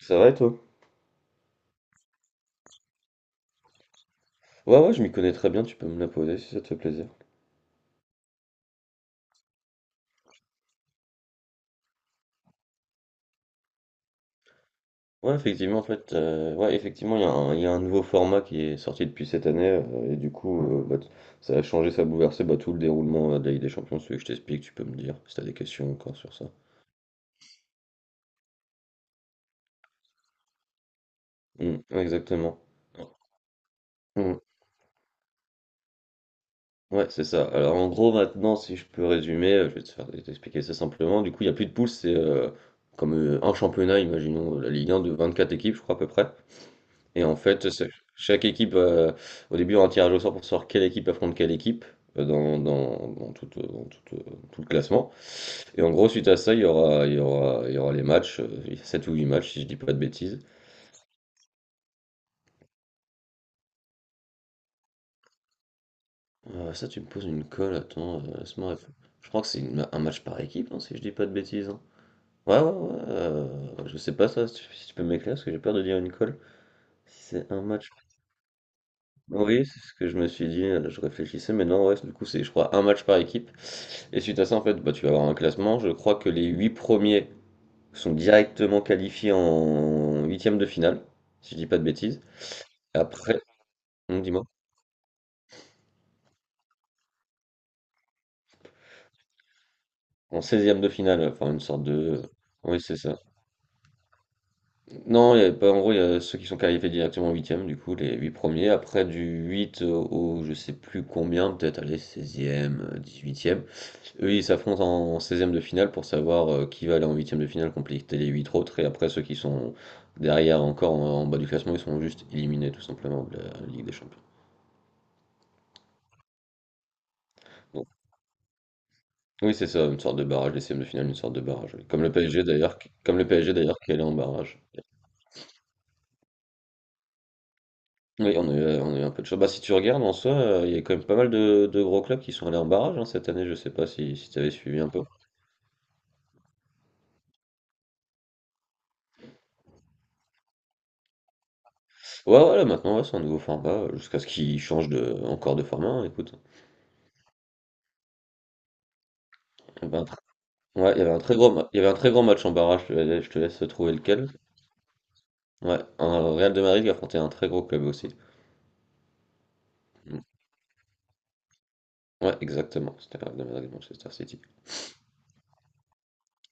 C'est vrai, toi? Ouais, ouais, je m'y connais très bien, tu peux me la poser si ça te fait plaisir. Ouais, effectivement, en fait, ouais, effectivement, il y a un nouveau format qui est sorti depuis cette année, et du coup, bah, ça a changé, ça a bouleversé bah, tout le déroulement de la Ligue des Champions, celui que je t'explique, tu peux me dire si t'as des questions encore sur ça. Mm, ouais, exactement. Mm. Ouais, c'est ça. Alors, en gros, maintenant, si je peux résumer, je vais t'expliquer ça simplement. Du coup, il n'y a plus de poules, c'est comme un championnat, imaginons la Ligue 1 de 24 équipes, je crois, à peu près. Et en fait, chaque équipe, au début, on a un tirage au sort pour savoir quelle équipe affronte quelle équipe dans tout le classement. Et en gros, suite à ça, il y aura, il y aura, il y aura les matchs, 7 ou 8 matchs, si je dis pas de bêtises. Ça, tu me poses une colle, attends, laisse-moi. Je crois que c'est un match par équipe, non, si je dis pas de bêtises, hein. Ouais, ouais, ouais, je sais pas ça, si tu peux m'éclairer, parce que j'ai peur de dire une colle. Si c'est un match. Oui, c'est ce que je me suis dit, je réfléchissais, mais non, ouais, du coup, c'est, je crois, un match par équipe. Et suite à ça, en fait, bah, tu vas avoir un classement. Je crois que les huit premiers sont directement qualifiés en huitième de finale, si je dis pas de bêtises. Après, on dis-moi, en seizième de finale, enfin, une sorte de. Oui, c'est ça. Non, il y a pas, en gros, il y a ceux qui sont qualifiés directement en huitième, du coup, les huit premiers. Après, du 8 au, je sais plus combien, peut-être, aller seizième, dix-huitième. Eux, ils s'affrontent en seizième de finale pour savoir qui va aller en huitième de finale compléter les 8 autres. Et après, ceux qui sont derrière encore en bas du classement, ils sont juste éliminés tout simplement de la Ligue des Champions. Donc, oui, c'est ça, une sorte de barrage, les seizièmes de finale, une sorte de barrage, oui. Comme le PSG d'ailleurs, comme le PSG d'ailleurs qui allait en barrage. Oui, on a eu un peu de chance. Bah, si tu regardes en soi, il y a quand même pas mal de gros clubs qui sont allés en barrage, hein, cette année. Je sais pas si tu avais suivi un peu. Ouais, voilà, maintenant, ouais, c'est un nouveau format, jusqu'à ce qu'ils changent de, encore de format, hein, écoute. Bah, ouais, il y avait un très gros, il y avait un très gros match en barrage, je te laisse trouver lequel. Ouais, un Real de Madrid qui affrontait un très gros club aussi. Mm. Ouais, exactement, c'était le Real de Madrid Manchester City.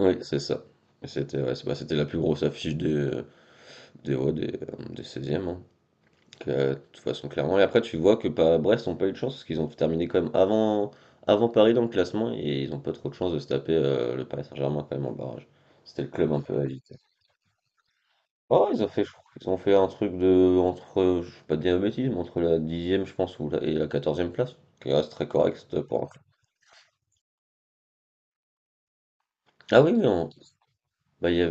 Oui, c'est ça. Et c'était, ouais, bah, c'était la plus grosse affiche des seizièmes, e hein, que, de toute façon, clairement. Et après, tu vois que pas, Brest n'ont pas eu de chance, parce qu'ils ont terminé quand même avant Paris dans le classement, et ils n'ont pas trop de chance de se taper le Paris Saint-Germain quand même en barrage. C'était le club un peu à. Oh, ils ont fait, je crois qu'ils ont fait un truc de, entre, je vais pas te dire de bêtises, mais entre la dixième, je pense, et la quatorzième place, qui reste très correct pour un club. Ah oui, mais bah, il y a,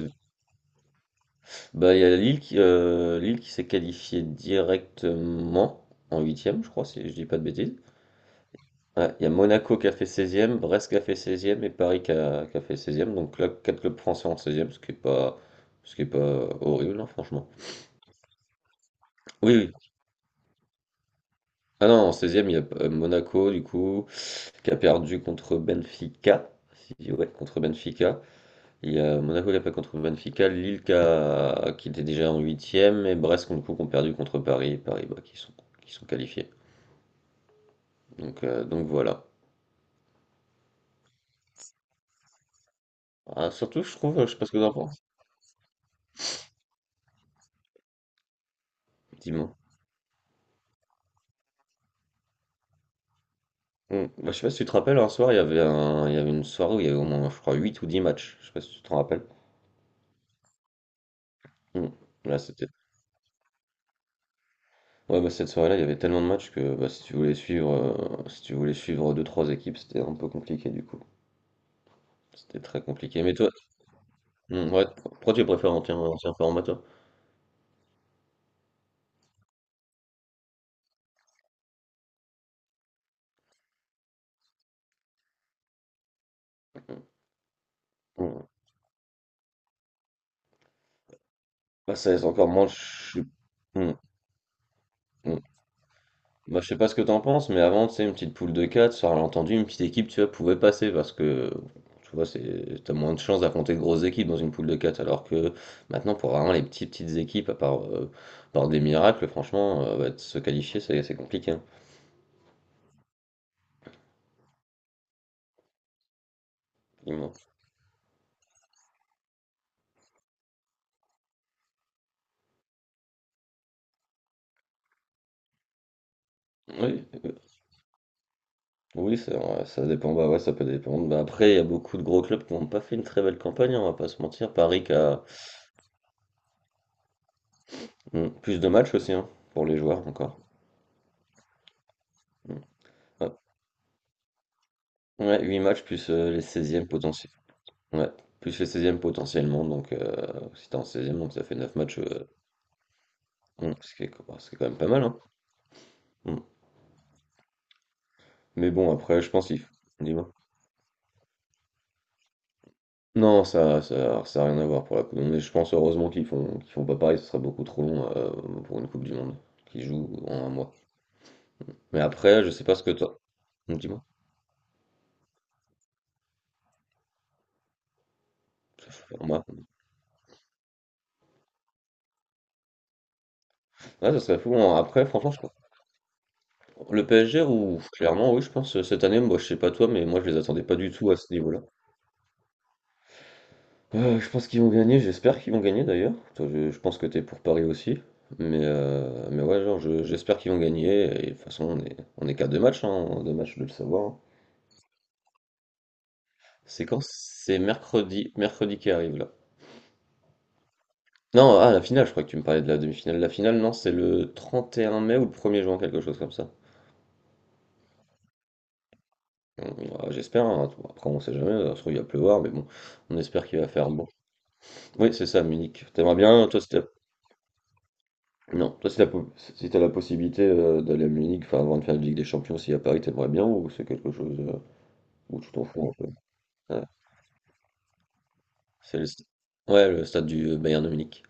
bah, il y a Lille qui s'est qualifiée directement en huitième, je crois, si je dis pas de bêtises. Ouais, il y a Monaco qui a fait seizième, Brest qui a fait seizième, et Paris qui a fait seizième. Donc là, 4 clubs français en seizième, ce qui est pas horrible, hein, franchement. Oui, oui. Ah non, en seizième il y a Monaco, du coup, qui a perdu contre Benfica. Si, ouais, contre Benfica. Il y a Monaco qui a perdu contre Benfica, Lille qui était déjà en huitième, et Brest, du coup, qui ont perdu contre Paris, et Paris, bah, qui sont qualifiés. Donc voilà. Ah, surtout, je trouve, je sais pas ce que t'en penses, dis-moi. Mm. Bah, je sais pas si tu te rappelles, un soir, il y avait une soirée où il y avait au moins, je crois, 8 ou 10 matchs. Je sais pas si tu te rappelles. Mm. Là, c'était. Ouais, bah, cette soirée-là, il y avait tellement de matchs que bah, si tu voulais suivre deux, trois équipes, c'était un peu compliqué du coup. C'était très compliqué. Mais toi, hmm, ouais, pourquoi tu préfères l'ancien format, toi? Hmm. Bah, ça laisse encore moins. Hmm, hmm. Bah, je sais pas ce que t'en penses, mais avant, tu sais, une petite poule de 4 sur l'entendu, une petite équipe, tu vois, pouvait passer parce que, tu vois, c'est, t'as moins de chances d'affronter de grosses équipes dans une poule de quatre, alors que maintenant, pour vraiment les petites, petites équipes, à part, par des miracles, franchement, bah, de se qualifier, c'est compliqué, hein. Dis-moi. Oui. Oui, c'est vrai, ça dépend, bah ouais, ça peut dépendre. Bah après, il y a beaucoup de gros clubs qui n'ont pas fait une très belle campagne, hein, on va pas se mentir. Paris qui a plus de matchs aussi, hein, pour les joueurs encore. Hmm. Ouais. Ouais, 8 matchs plus les seizièmes potentiels. Ouais, plus les seizièmes potentiellement, donc si t'es en seizième, donc ça fait 9 matchs, hmm, bah, ce qui est quand même pas mal, hein. Hmm. Mais bon, après, je pense qu'il faut. Dis-moi. Non, ça a rien à voir pour la Coupe du Monde. Mais je pense heureusement qu'ils font, pas pareil, ce serait beaucoup trop long pour une Coupe du Monde qui joue en un mois. Mais après, je sais pas ce que toi. Dis-moi. Moi. Ouais, ça serait fou. Bon après, franchement, je crois. Le PSG, ou clairement, oui, je pense, cette année, moi, je sais pas toi, mais moi, je les attendais pas du tout à ce niveau-là. Je pense qu'ils vont gagner, j'espère qu'ils vont gagner d'ailleurs. Toi, je pense que t'es pour Paris aussi. Mais ouais, genre, j'espère qu'ils vont gagner. Et de toute façon, on est qu'à deux matchs, hein, deux matchs, de le savoir, hein. C'est quand? C'est mercredi, mercredi qui arrive là. Non, ah, la finale, je crois que tu me parlais de la demi-finale. La finale, non, c'est le 31 mai ou le 1er juin, quelque chose comme ça. Bon, ouais, j'espère, hein. Après on sait jamais, ça se trouve il va pleuvoir, mais bon, on espère qu'il va faire bon. Oui, c'est ça, Munich. T'aimerais bien, toi si t'as, non, toi si t'as la possibilité d'aller à Munich, enfin avant de faire la Ligue des Champions, si à Paris, t'aimerais bien ou c'est quelque chose où tu t'en fous un peu? Ouais, c'est le... st- ouais, le stade du Bayern de Munich.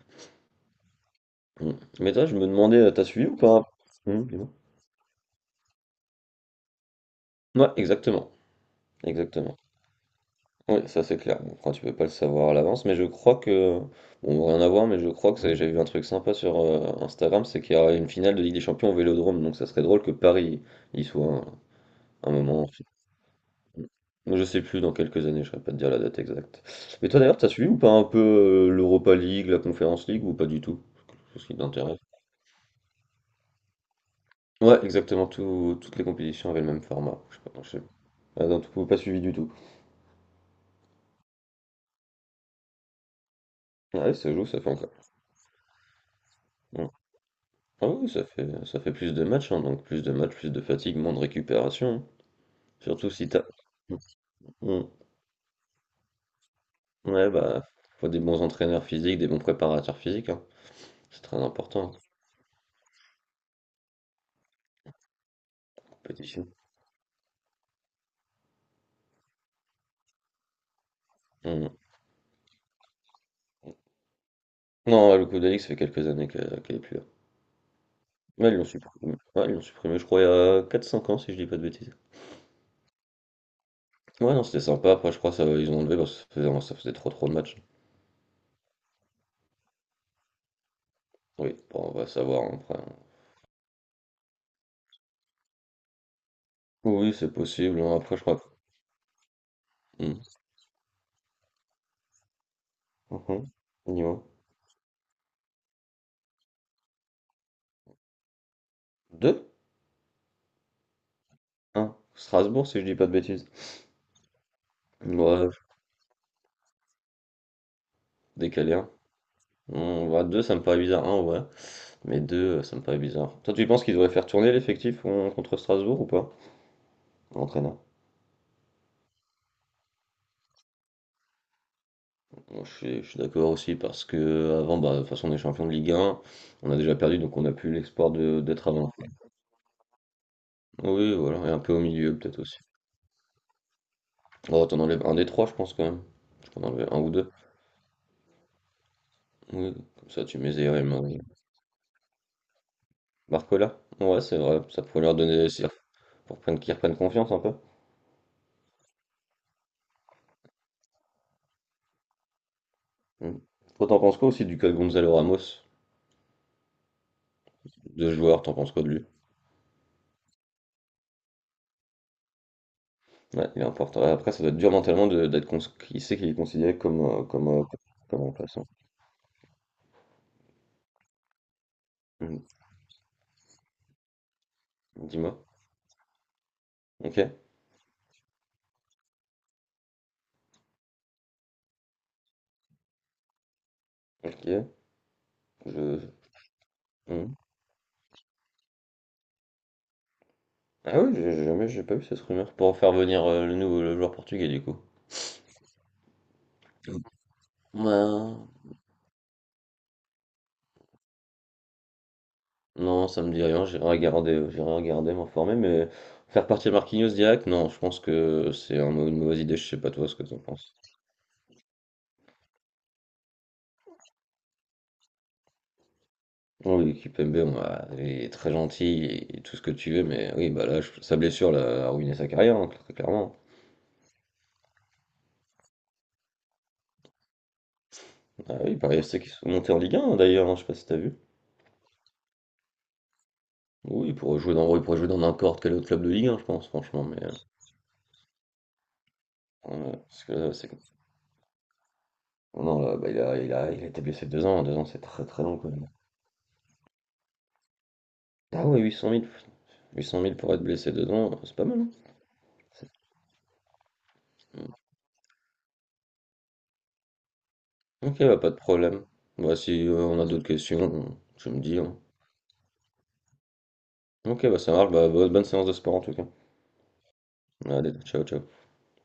Mm. Mais toi, je me demandais, t'as suivi ou pas? Mm, dis-moi. Ouais, exactement, exactement. Oui, ça c'est clair. Bon, après, tu peux pas le savoir à l'avance, mais je crois que. Bon, rien à voir, mais je crois que j'ai vu un truc sympa sur Instagram, c'est qu'il y aura une finale de Ligue des Champions au Vélodrome, donc ça serait drôle que Paris y soit un moment. Je sais plus dans quelques années, je ne saurais pas te dire la date exacte. Mais toi d'ailleurs, t'as suivi ou pas un peu l'Europa League, la Conference League, ou pas du tout? Quelque chose qui t'intéresse? Ouais, exactement, toutes les compétitions avaient le même format. Je sais pas, pas. Ah non, tu pas suivi du tout. Ah ouais, ça joue, ça fait encore. Ouais. Ah oui, ça fait plus de matchs, hein, donc plus de matchs, plus de fatigue, moins de récupération, hein. Surtout si t'as. Mm, mm. Ouais, bah, faut des bons entraîneurs physiques, des bons préparateurs physiques, hein. C'est très important, hein, cette compétition. Mm. Non, ouais, le coup d'Alix, ça fait quelques années qu'elle est plus là. Ouais, ils l'ont supprimé. Ouais, ils l'ont supprimé, je crois, il y a 4-5 ans, si je dis pas de bêtises. Ouais, non, c'était sympa. Après, je crois que ça ils ont enlevé parce que ça faisait trop trop de matchs. Oui, bon, on va savoir hein, après, hein. Oui, c'est possible, hein. Après, je crois que. Hmm. Mhm. Dis-moi. Deux? Un Strasbourg, si je dis pas de bêtises. Ouais, décalé un. On va 2 ça me paraît bizarre, un ouais. Mais 2, ça me paraît bizarre. Toi, tu penses qu'il devrait faire tourner l'effectif contre Strasbourg ou pas? Entraîneur. Bon, je suis d'accord aussi parce que avant, bah, de toute façon, on est champion de Ligue un. On a déjà perdu, donc on n'a plus l'espoir de d'être avant. Oui, voilà. Et un peu au milieu, peut-être aussi. Oh, t'en enlèves un des trois, je pense, quand même. Je peux en enlever un ou deux. Oui, comme ça, tu mets Zérim. Barcola? Ouais, c'est vrai. Ça pourrait leur donner... Pour qu'ils reprennent confiance un peu. Mm. Toi, t'en penses quoi aussi du cas de Gonzalo Ramos, de ce joueur, t'en penses quoi de lui? Ouais, il est important. Après, ça doit être dur mentalement d'être il sait qu'il est considéré comme remplaçant. Mm. Dis-moi. Ok. Ok. Je... mm. Ah oui, j'ai pas vu cette rumeur pour faire venir le joueur portugais du coup. Ouais. Non, ça me dit rien. J'ai regardé, m'informer, mais faire partir Marquinhos direct, non. Je pense que c'est une mauvaise idée. Je sais pas toi ce que t'en penses. Oui, l'équipe MB, il est très gentil et tout ce que tu veux, mais oui, bah là, sa blessure l'a a ruiné sa carrière, hein, très clairement. Ah oui, Paris FC qui sont montés en Ligue 1 d'ailleurs, hein, je sais pas si t'as vu. Oui, il pourrait jouer dans n'importe quel autre club de Ligue 1, je pense, franchement, mais ouais, parce que là, c'est non, là, bah, il a été blessé 2 ans, 2 ans, c'est très très long quand même. Ah oui, 800 000, 800 000 pour être blessé 2 ans, c'est pas mal, hein. C'est- hmm. Ok, bah pas de problème. Bah si on a d'autres questions, tu me dis, hein. Ok, bah ça marche, bah bonne séance de sport en tout cas. Allez, ciao, ciao.